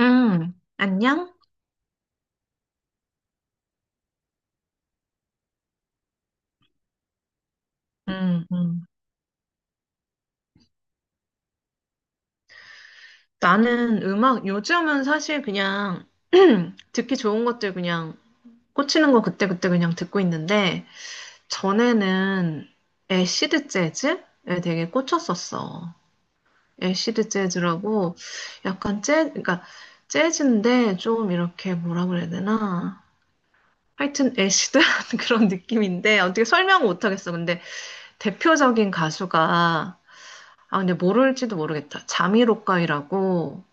응, 안녕? 음, 음. 나는 음악, 요즘은 사실 그냥 듣기 좋은 것들 그냥 꽂히는 거 그때그때 그냥 듣고 있는데, 전에는 애시드 재즈에 되게 꽂혔었어. 애시드 재즈라고 약간 그러니까 재즈인데 좀 이렇게 뭐라 그래야 되나? 하여튼 애시드한 그런 느낌인데, 어떻게 설명을 못하겠어. 근데 대표적인 가수가 아, 근데 모를지도 모르겠다. 자미로카이라고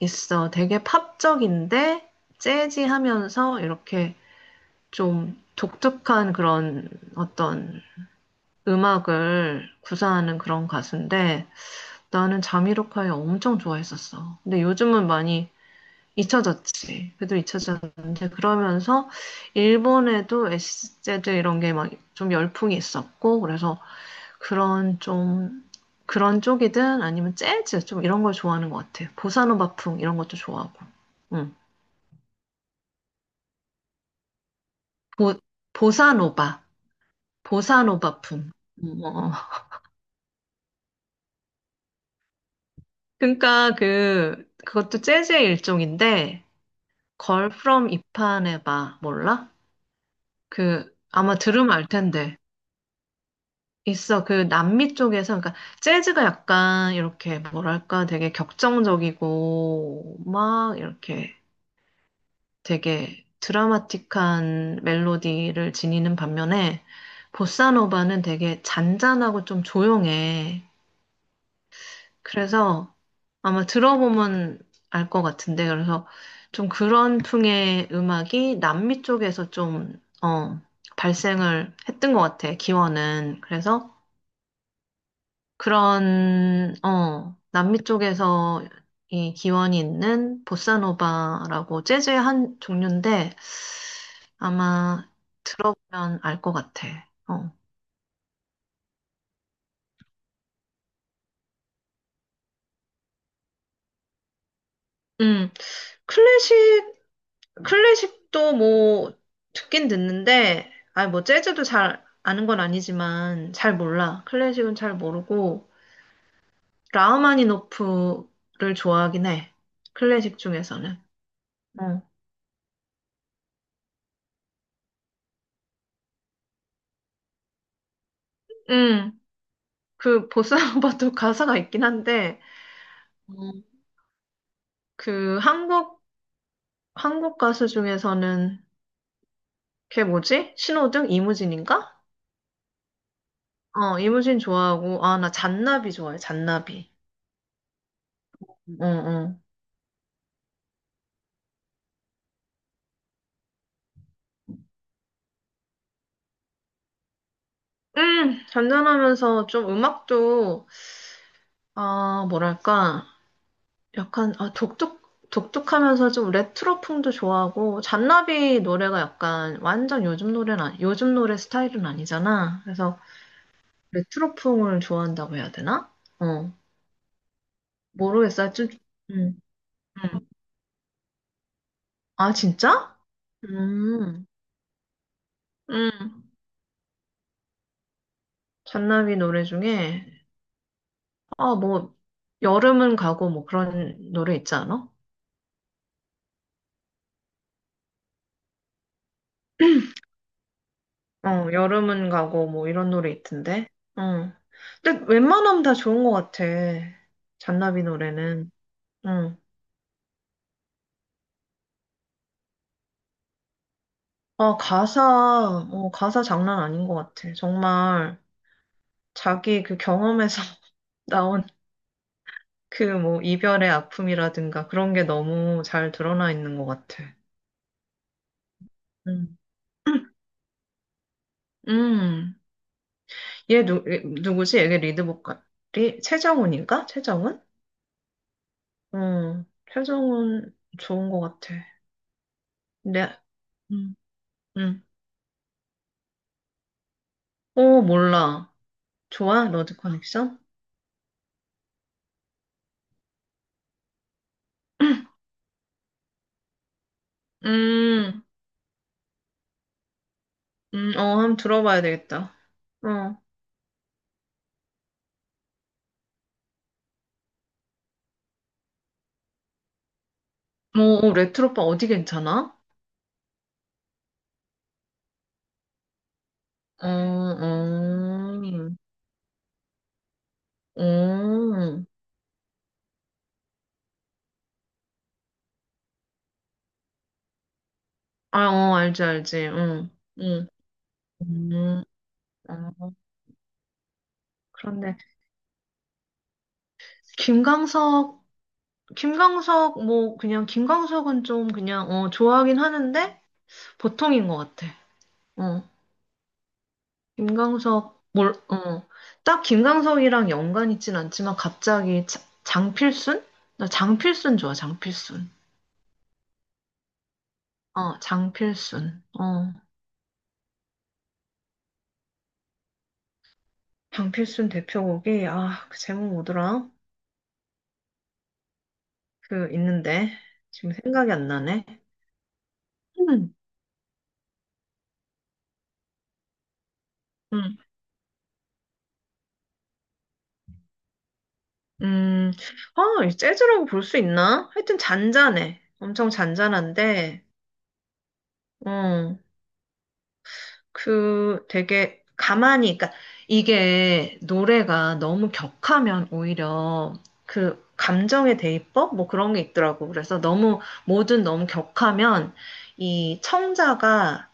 있어. 되게 팝적인데 재즈하면서 이렇게 좀 독특한 그런 어떤 음악을 구사하는 그런 가수인데 나는 자미로카이 엄청 좋아했었어. 근데 요즘은 많이 잊혀졌지. 그래도 잊혀졌는데 그러면서 일본에도 SZ 이런 게 막 좀 열풍이 있었고 그래서 그런 좀 그런 쪽이든 아니면 재즈 좀 이런 걸 좋아하는 것 같아요. 보사노바풍 이런 것도 좋아하고. 응. 보 보사노바 보사노바풍. 어. 그러니까 그것도 재즈의 일종인데 걸 프롬 이파네바 몰라? 그 아마 들으면 알 텐데. 있어. 그 남미 쪽에서 그러니까 재즈가 약간 이렇게 뭐랄까 되게 격정적이고 막 이렇게 되게 드라마틱한 멜로디를 지니는 반면에 보사노바는 되게 잔잔하고 좀 조용해. 그래서 아마 들어보면 알 것 같은데 그래서 좀 그런 풍의 음악이 남미 쪽에서 좀 어, 발생을 했던 것 같아. 기원은. 그래서 그런, 남미 쪽에서 이 기원이 있는 보사노바라고 재즈의 한 종류인데 아마 들어보면 알 것 같아. 어. 음, 클래식, 클래식도 뭐 듣긴 듣는데, 아, 뭐 재즈도 잘 아는 건 아니지만 잘 몰라. 클래식은 잘 모르고, 라흐마니노프를 좋아하긴 해. 클래식 중에서는. 응. 그 보사노바도 가사가 있긴 한데 음. 그 한국 한국 가수 중에서는 걔 뭐지? 신호등 이무진인가? 어 이무진 좋아하고 아 나 잔나비 좋아해 잔나비. 음. 어어. 잔잔하면서 좀 음악도 아 뭐랄까 약간 독특하면서 좀 레트로풍도 좋아하고 잔나비 노래가 약간 완전 요즘 노래는 요즘 노래 스타일은 아니잖아. 그래서 레트로풍을 좋아한다고 해야 되나? 어. 모르겠어요. 좀, 음. 응, 아, 진짜? 음. 응. 잔나비 노래 중에, 아, 뭐, 여름은 가고, 뭐, 그런 노래 있지 않아? 어, 여름은 가고, 뭐, 이런 노래 있던데. 응 근데 웬만하면 다 좋은 것 같아. 잔나비 노래는. 응. 아, 가사, 어, 가사 장난 아닌 것 같아. 정말 자기 그 경험에서 나온 그 뭐, 이별의 아픔이라든가 그런 게 너무 잘 드러나 있는 것 같아. 음, 얘 누, 누구지? 얘 리드 보컬이 최정훈인가? 최정훈? 음, 최정훈 좋은 것 같아. 네, 음, 음. 어, 몰라. 좋아? 러드 커넥션? 음, 어, 한번 들어봐야 되겠다. 어, 어, 어, 레트로빠 어디 괜찮아? 어, 어, 어, 아, 어, 알지, 알지, 응, 응, 음, 어, 그런데 김광석 김광석, 뭐, 그냥, 김광석은 좀 그냥, 어, 좋아하긴 하는데, 보통인 것 같아. 어, 김광석, 뭘, 어, 딱 김광석이랑 연관 있진 않지만, 갑자기 장필순? 나 장필순 좋아, 장필순. 어, 장필순. 어, 장필순 대표곡이, 아, 그 제목 뭐더라? 그, 있는데, 지금 생각이 안 나네. 음, 음, 음, 아, 이 재즈라고 볼 수 있나? 하여튼 잔잔해. 엄청 잔잔한데, 어. 그 되게 가만히, 그러니까 이게 노래가 너무 격하면 오히려 그 감정의 대입법? 뭐 그런 게 있더라고. 그래서 너무, 뭐든 너무 격하면 이 청자가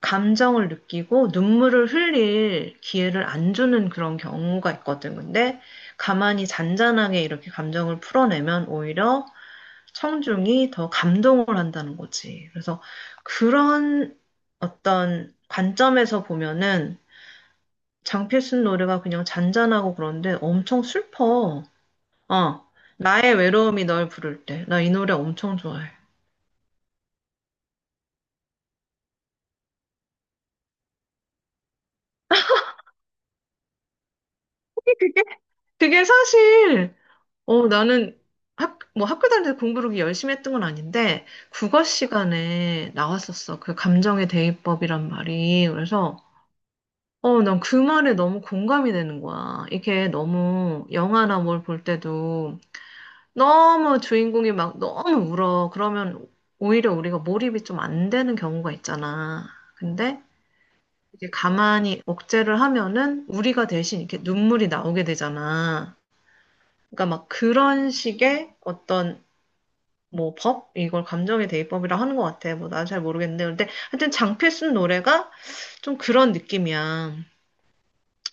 감정을 느끼고 눈물을 흘릴 기회를 안 주는 그런 경우가 있거든. 근데 가만히 잔잔하게 이렇게 감정을 풀어내면 오히려 청중이 더 감동을 한다는 거지. 그래서 그런 어떤 관점에서 보면은 장필순 노래가 그냥 잔잔하고 그런데 엄청 슬퍼. 어, 나의 외로움이 널 부를 때. 나 이 노래 엄청 좋아해. 그게, 그게 사실, 어, 나는 뭐 학교 다닐 때 공부를 그렇게 열심히 했던 건 아닌데, 국어 시간에 나왔었어. 그 감정의 대입법이란 말이. 그래서, 어, 난 그 말에 너무 공감이 되는 거야. 이게 너무 영화나 뭘 볼 때도 너무 주인공이 막 너무 울어. 그러면 오히려 우리가 몰입이 좀 안 되는 경우가 있잖아. 근데 이제 가만히 억제를 하면은 우리가 대신 이렇게 눈물이 나오게 되잖아. 그러니까 막 그런 식의 어떤 뭐 법? 이걸 감정의 대입법이라 하는 것 같아. 뭐 난 잘 모르겠는데. 근데 하여튼 장필순 노래가 좀 그런 느낌이야.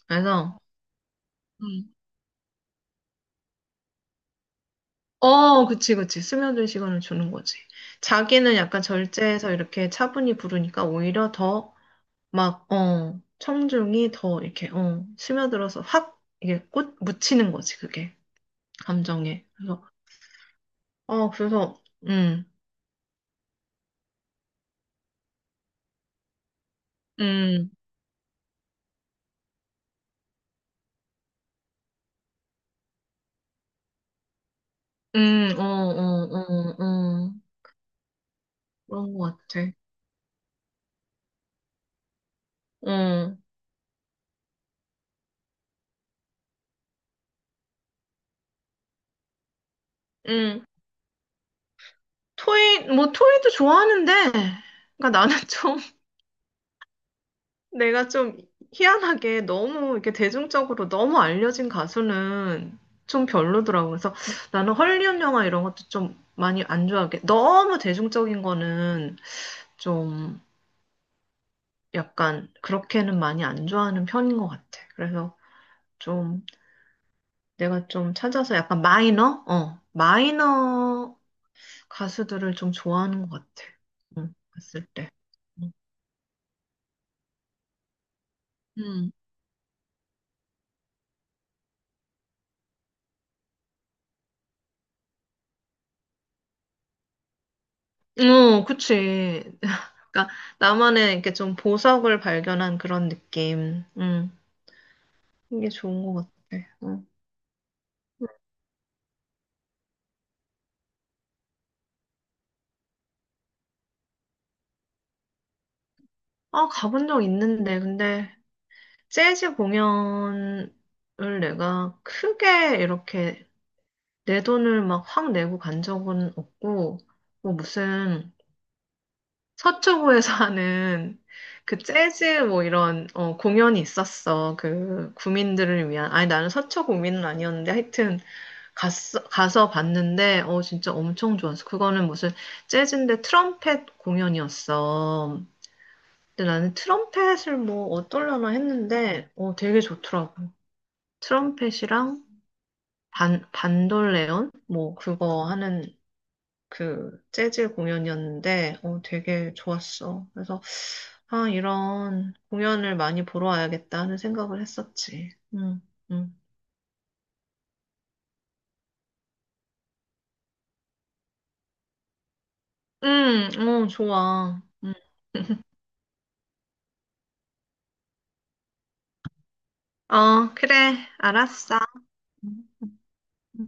그래서 음. 어, 그치, 그치. 스며들 시간을 주는 거지. 자기는 약간 절제해서 이렇게 차분히 부르니까 오히려 더 막, 어, 청중이 더 이렇게, 어, 스며들어서 확 이게 꽃 묻히는 거지, 그게. 감정에. 그래서, 어, 그래서, 음, 음, 어, 어, 어, 어. 그런 거 같아. 어, 음. 토이, 뭐, 토이도 좋아하는데, 그러니까 나는 좀 내가 좀 희한하게 너무 이렇게 대중적으로 너무 알려진 가수는 좀 별로더라고. 그래서 나는 헐리우드 영화 이런 것도 좀 많이 안 좋아하게. 너무 대중적인 거는 좀 약간 그렇게는 많이 안 좋아하는 편인 것 같아. 그래서 좀 내가 좀 찾아서 약간 마이너? 어, 마이너 가수들을 좀 좋아하는 것 같아. 응, 봤을 때. 음. 어, 그치. 그러니까 나만의 이렇게 좀 보석을 발견한 그런 느낌. 이게 좋은 것 같아. 음. 아, 가본 적 있는데, 근데 재즈 공연을 내가 크게 이렇게 내 돈을 막 확 내고 간 적은 없고, 뭐 무슨 서초구에서 하는 그 재즈 뭐 이런 어, 공연이 있었어. 그 구민들을 위한. 아니, 나는 서초 구민은 아니었는데 하여튼 갔어, 가서 봤는데, 어, 진짜 엄청 좋았어. 그거는 무슨 재즈인데 트럼펫 공연이었어. 근데 나는 트럼펫을 뭐 어떨려나 했는데, 어, 되게 좋더라고. 트럼펫이랑 반돌레온? 뭐 그거 하는 그 재즈 공연이었는데, 어, 되게 좋았어. 그래서, 아, 이런 공연을 많이 보러 와야겠다 하는 생각을 했었지. 응, 응. 응, 응, 어, 좋아. 응. 어, 그래. 알았어. 응. 음.